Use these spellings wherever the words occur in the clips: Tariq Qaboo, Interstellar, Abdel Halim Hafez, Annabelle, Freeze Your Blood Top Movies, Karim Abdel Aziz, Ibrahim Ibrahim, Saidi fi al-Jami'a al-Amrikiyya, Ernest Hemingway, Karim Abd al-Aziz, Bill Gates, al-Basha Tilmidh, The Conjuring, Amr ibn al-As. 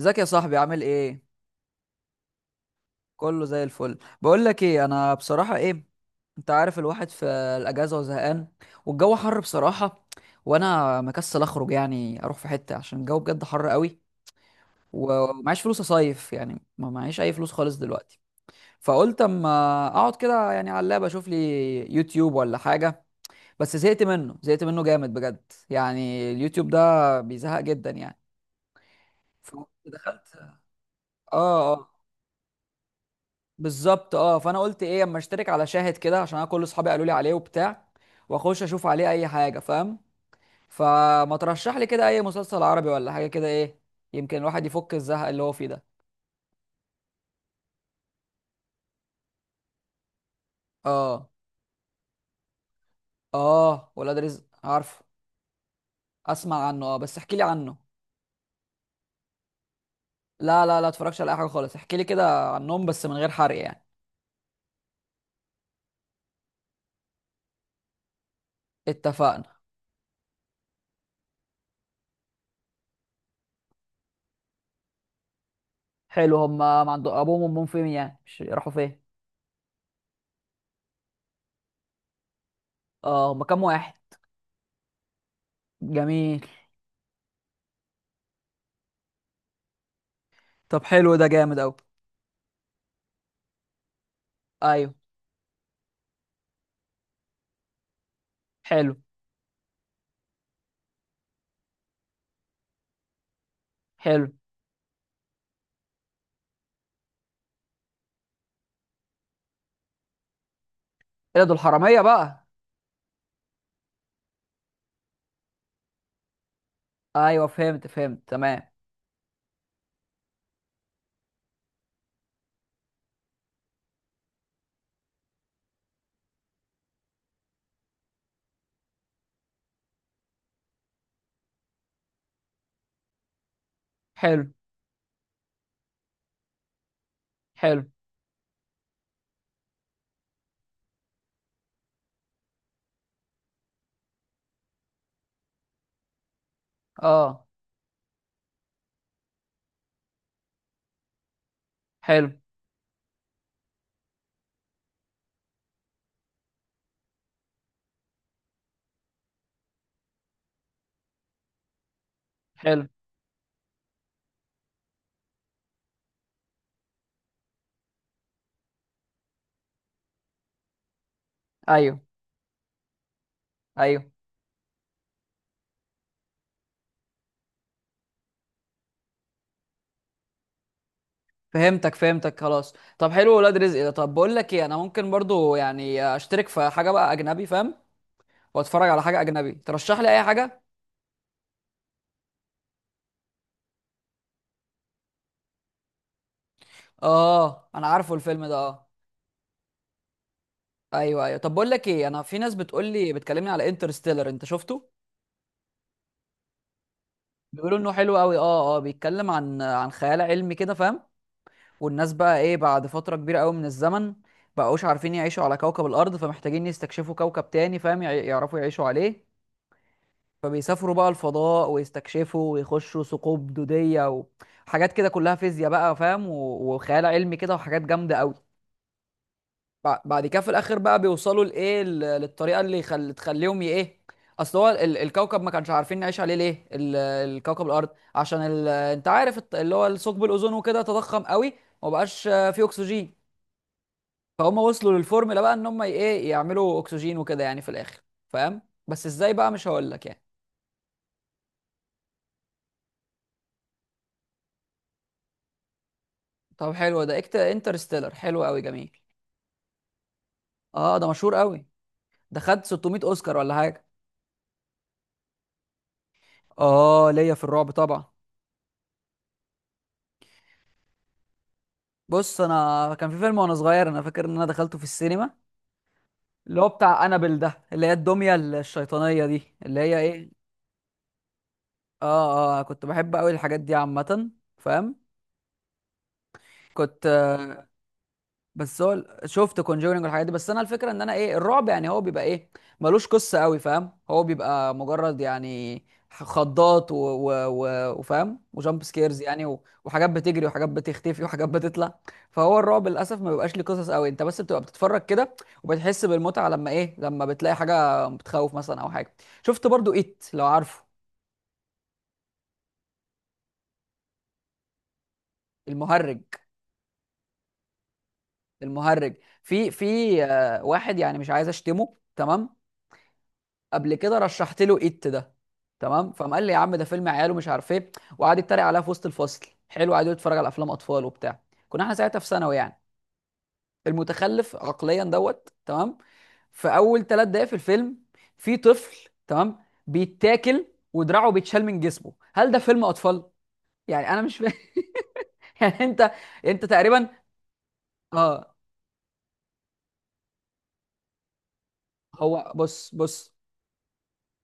ازيك يا صاحبي، عامل ايه؟ كله زي الفل. بقول لك ايه، انا بصراحه ايه، انت عارف الواحد في الاجازه وزهقان، والجو حر بصراحه، وانا مكسل اخرج، يعني اروح في حته عشان الجو بجد حر قوي، ومعيش فلوس اصيف، يعني ما معيش اي فلوس خالص دلوقتي. فقلت اما اقعد كده يعني على اللاب اشوف لي يوتيوب ولا حاجه. بس زهقت منه زهقت منه جامد بجد، يعني اليوتيوب ده بيزهق جدا يعني. فدخلت. اه اه، بالظبط اه. فانا قلت ايه، اما اشترك على شاهد كده عشان انا كل اصحابي قالوا لي عليه وبتاع، واخش اشوف عليه اي حاجه، فاهم؟ فما ترشح لي كده اي مسلسل عربي ولا حاجه كده، ايه يمكن الواحد يفك الزهق اللي هو فيه ده. اه اه، ولاد رزق، عارفه. اسمع عنه، اه بس احكي لي عنه. لا لا لا، اتفرجش على اي حاجه خالص، احكي لي كده عنهم بس من غير حرق يعني. اتفقنا. حلو، هم ما عندهم ابوهم وامهم؟ فين يعني؟ مش راحوا فين. اه، هم كام واحد؟ جميل. طب حلو، ده جامد اوي. ايوه حلو حلو. ايه ده، الحراميه بقى؟ ايوه فهمت فهمت، تمام. حلو. حلو اه. حلو حلو. ايوه ايوه، فهمتك فهمتك، خلاص. طب حلو، ولاد رزق ده. طب بقول لك ايه، انا ممكن برضو يعني اشترك في حاجه بقى اجنبي، فاهم؟ واتفرج على حاجه اجنبي. ترشح لي اي حاجه. اه، انا عارفه الفيلم ده، اه. ايوه ايوه. طب بقول لك ايه، انا في ناس بتقول لي بتكلمني على انترستيلر، انت شفته؟ بيقولوا انه حلو قوي. اه اه، بيتكلم عن خيال علمي كده، فاهم؟ والناس بقى ايه بعد فترة كبيرة قوي من الزمن بقوش عارفين يعيشوا على كوكب الأرض، فمحتاجين يستكشفوا كوكب تاني، فاهم؟ يعرفوا يعيشوا عليه. فبيسافروا بقى الفضاء ويستكشفوا ويخشوا ثقوب دودية وحاجات كده كلها فيزياء بقى، فاهم؟ وخيال علمي كده وحاجات جامدة قوي. بعد كده في الآخر بقى بيوصلوا لإيه، للطريقة اللي تخليهم ي- ايه اصل هو الكوكب ما كانش عارفين نعيش عليه ليه، الكوكب الارض، عشان انت عارف اللي هو ثقب الاوزون وكده تضخم قوي ومبقاش فيه اكسجين. فهم وصلوا للفورمولا بقى ان هم ايه يعملوا اكسجين وكده يعني في الاخر، فاهم؟ بس ازاي بقى مش هقول لك يعني. طب حلو ده، اكت انترستيلر حلو قوي، جميل. اه ده مشهور قوي، ده خد 600 اوسكار ولا حاجه. اه، ليا في الرعب طبعا. بص، انا كان في فيلم وانا صغير، انا فاكر ان انا دخلته في السينما، اللي هو بتاع انابل ده، اللي هي الدميه الشيطانيه دي، اللي هي ايه. اه اه، كنت بحب قوي الحاجات دي عامه، فاهم؟ كنت. بس هو شفت كونجورينج والحاجات دي، بس انا الفكره ان انا ايه، الرعب يعني هو بيبقى ايه، ملوش قصه قوي، فاهم؟ هو بيبقى مجرد يعني خضات و... و... و... وفاهم، وجامب سكيرز يعني، وحاجات بتجري وحاجات بتختفي وحاجات بتطلع. فهو الرعب للاسف ما بيبقاش ليه قصص قوي، انت بس بتبقى بتتفرج كده وبتحس بالمتعه لما ايه، لما بتلاقي حاجه بتخوف مثلا او حاجه. شفت برضو ايت؟ لو عارفه المهرج، المهرج في في آه، واحد، يعني مش عايز اشتمه، تمام. قبل كده رشحت له ايت ده، تمام، فقام قال لي يا عم ده فيلم عيال ومش عارف ايه، وقعد يتريق عليها في وسط الفصل. حلو، قعد يتفرج على افلام اطفال وبتاع. كنا احنا ساعتها في ثانوي يعني، المتخلف عقليا دوت. تمام، في اول ثلاث دقايق في الفيلم في طفل، تمام، بيتاكل ودراعه بيتشال من جسمه. هل ده فيلم اطفال؟ يعني انا مش فاهم يعني انت، انت تقريبا، اه. هو بص بص،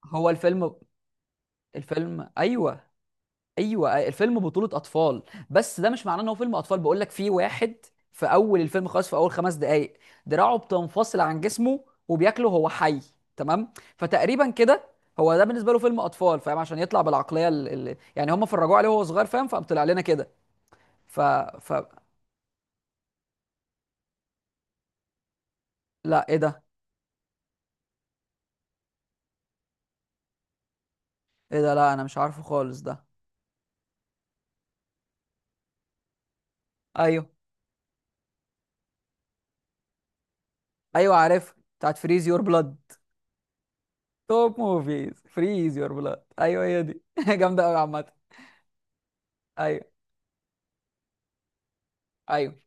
هو الفيلم ايوه ايوه الفيلم بطولة اطفال، بس ده مش معناه ان هو فيلم اطفال. بقول لك، في واحد في اول الفيلم خالص، في اول خمس دقائق، دراعه بتنفصل عن جسمه وبياكله هو حي، تمام. فتقريبا كده، هو ده بالنسبه له فيلم اطفال، فاهم؟ عشان يطلع بالعقليه يعني هم فرجوه عليه وهو صغير، فاهم؟ فقام طلع لنا كده. ف... ف لا ايه ده. ايه ده؟ لا انا مش عارفه خالص ده. ايوه ايوه، عارف بتاعت فريز يور بلاد. توب موفيز، فريز يور بلاد، ايوه هي دي جامده قوي عامه. ايوه ايوه.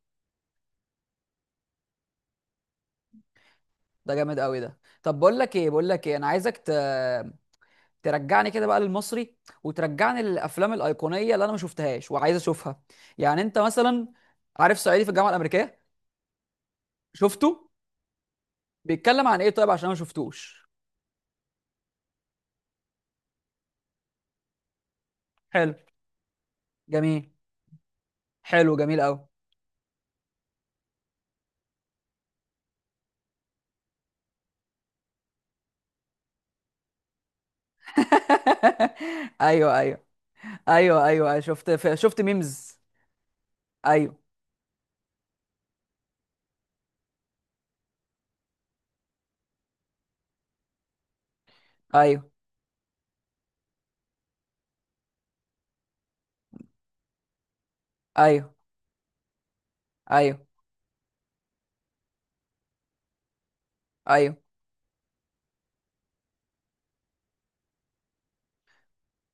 ده جامد قوي ده. طب بقول لك ايه، انا عايزك ترجعني كده بقى للمصري، وترجعني للافلام الايقونيه اللي انا ما شفتهاش وعايز اشوفها. يعني انت مثلا عارف صعيدي في الجامعه الامريكيه، شفته؟ بيتكلم عن ايه طيب، عشان أنا ما شفتوش. حلو، جميل. حلو جميل قوي. ايوه ايوه. ايوه ايوه شفت شفت ميمز. ايوه ايوه ايوه. ايوه ايوه.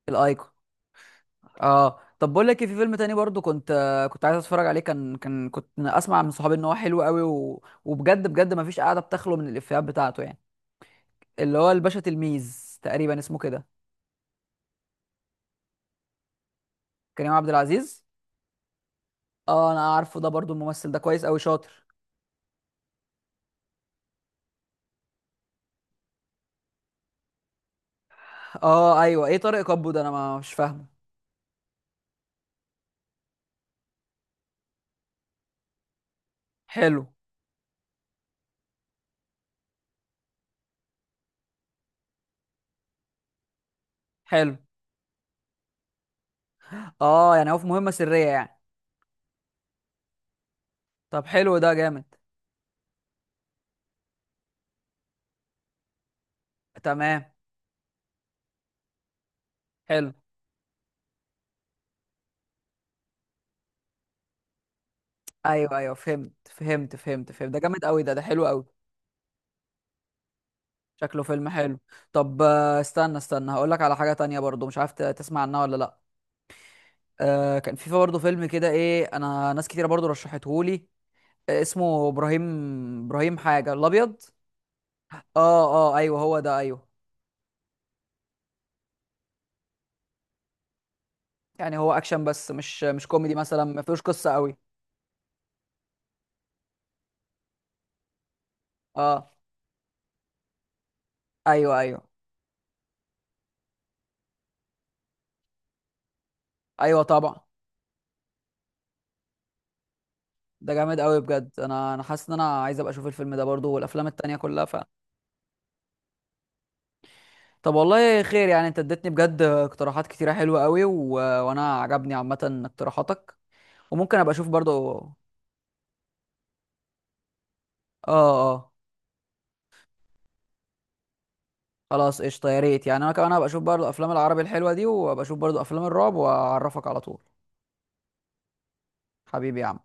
الايقونه. اه طب بقول لك إيه، في فيلم تاني برضو كنت عايز اتفرج عليه، كان كان كنت اسمع من صحابي ان هو حلو قوي وبجد بجد ما فيش قاعده بتخلو من الافيهات بتاعته يعني، اللي هو الباشا تلميذ تقريبا اسمه كده. كريم عبد العزيز. اه انا عارفه ده برضو، الممثل ده كويس قوي، شاطر. اه ايوه، ايه طارق كابو ده؟ انا ما مش فاهمه. حلو. حلو، اه يعني هو في مهمه سريه يعني. طب حلو، ده جامد. تمام. حلو. ايوه ايوه فهمت فهمت فهمت فهمت، ده جامد قوي ده، ده حلو قوي. شكله فيلم حلو. طب استنى استنى، هقول لك على حاجه تانية برضو، مش عارف تسمع عنها ولا لا. آه كان في برضو فيلم كده ايه، انا ناس كتيره برضو رشحته لي، آه اسمه ابراهيم، ابراهيم حاجه الابيض. اه اه، ايوه هو ده، ايوه. يعني هو اكشن بس، مش مش كوميدي مثلا، ما فيهوش قصه قوي. اه. ايوه ايوه. ايوه طبعا. ده جامد قوي بجد، انا انا حاسس ان انا عايز ابقى اشوف الفيلم ده برضو، والافلام التانية كلها. ف طب، والله خير يعني، انت اديتني بجد اقتراحات كتيرة حلوة قوي، وانا عجبني عامة اقتراحاتك، وممكن ابقى اشوف برضو، اه اه. خلاص قشطه، يا ريت يعني، انا كمان هبقى اشوف برضو افلام العربي الحلوه دي، وابقى اشوف برضو افلام الرعب واعرفك على طول. حبيبي يا عم.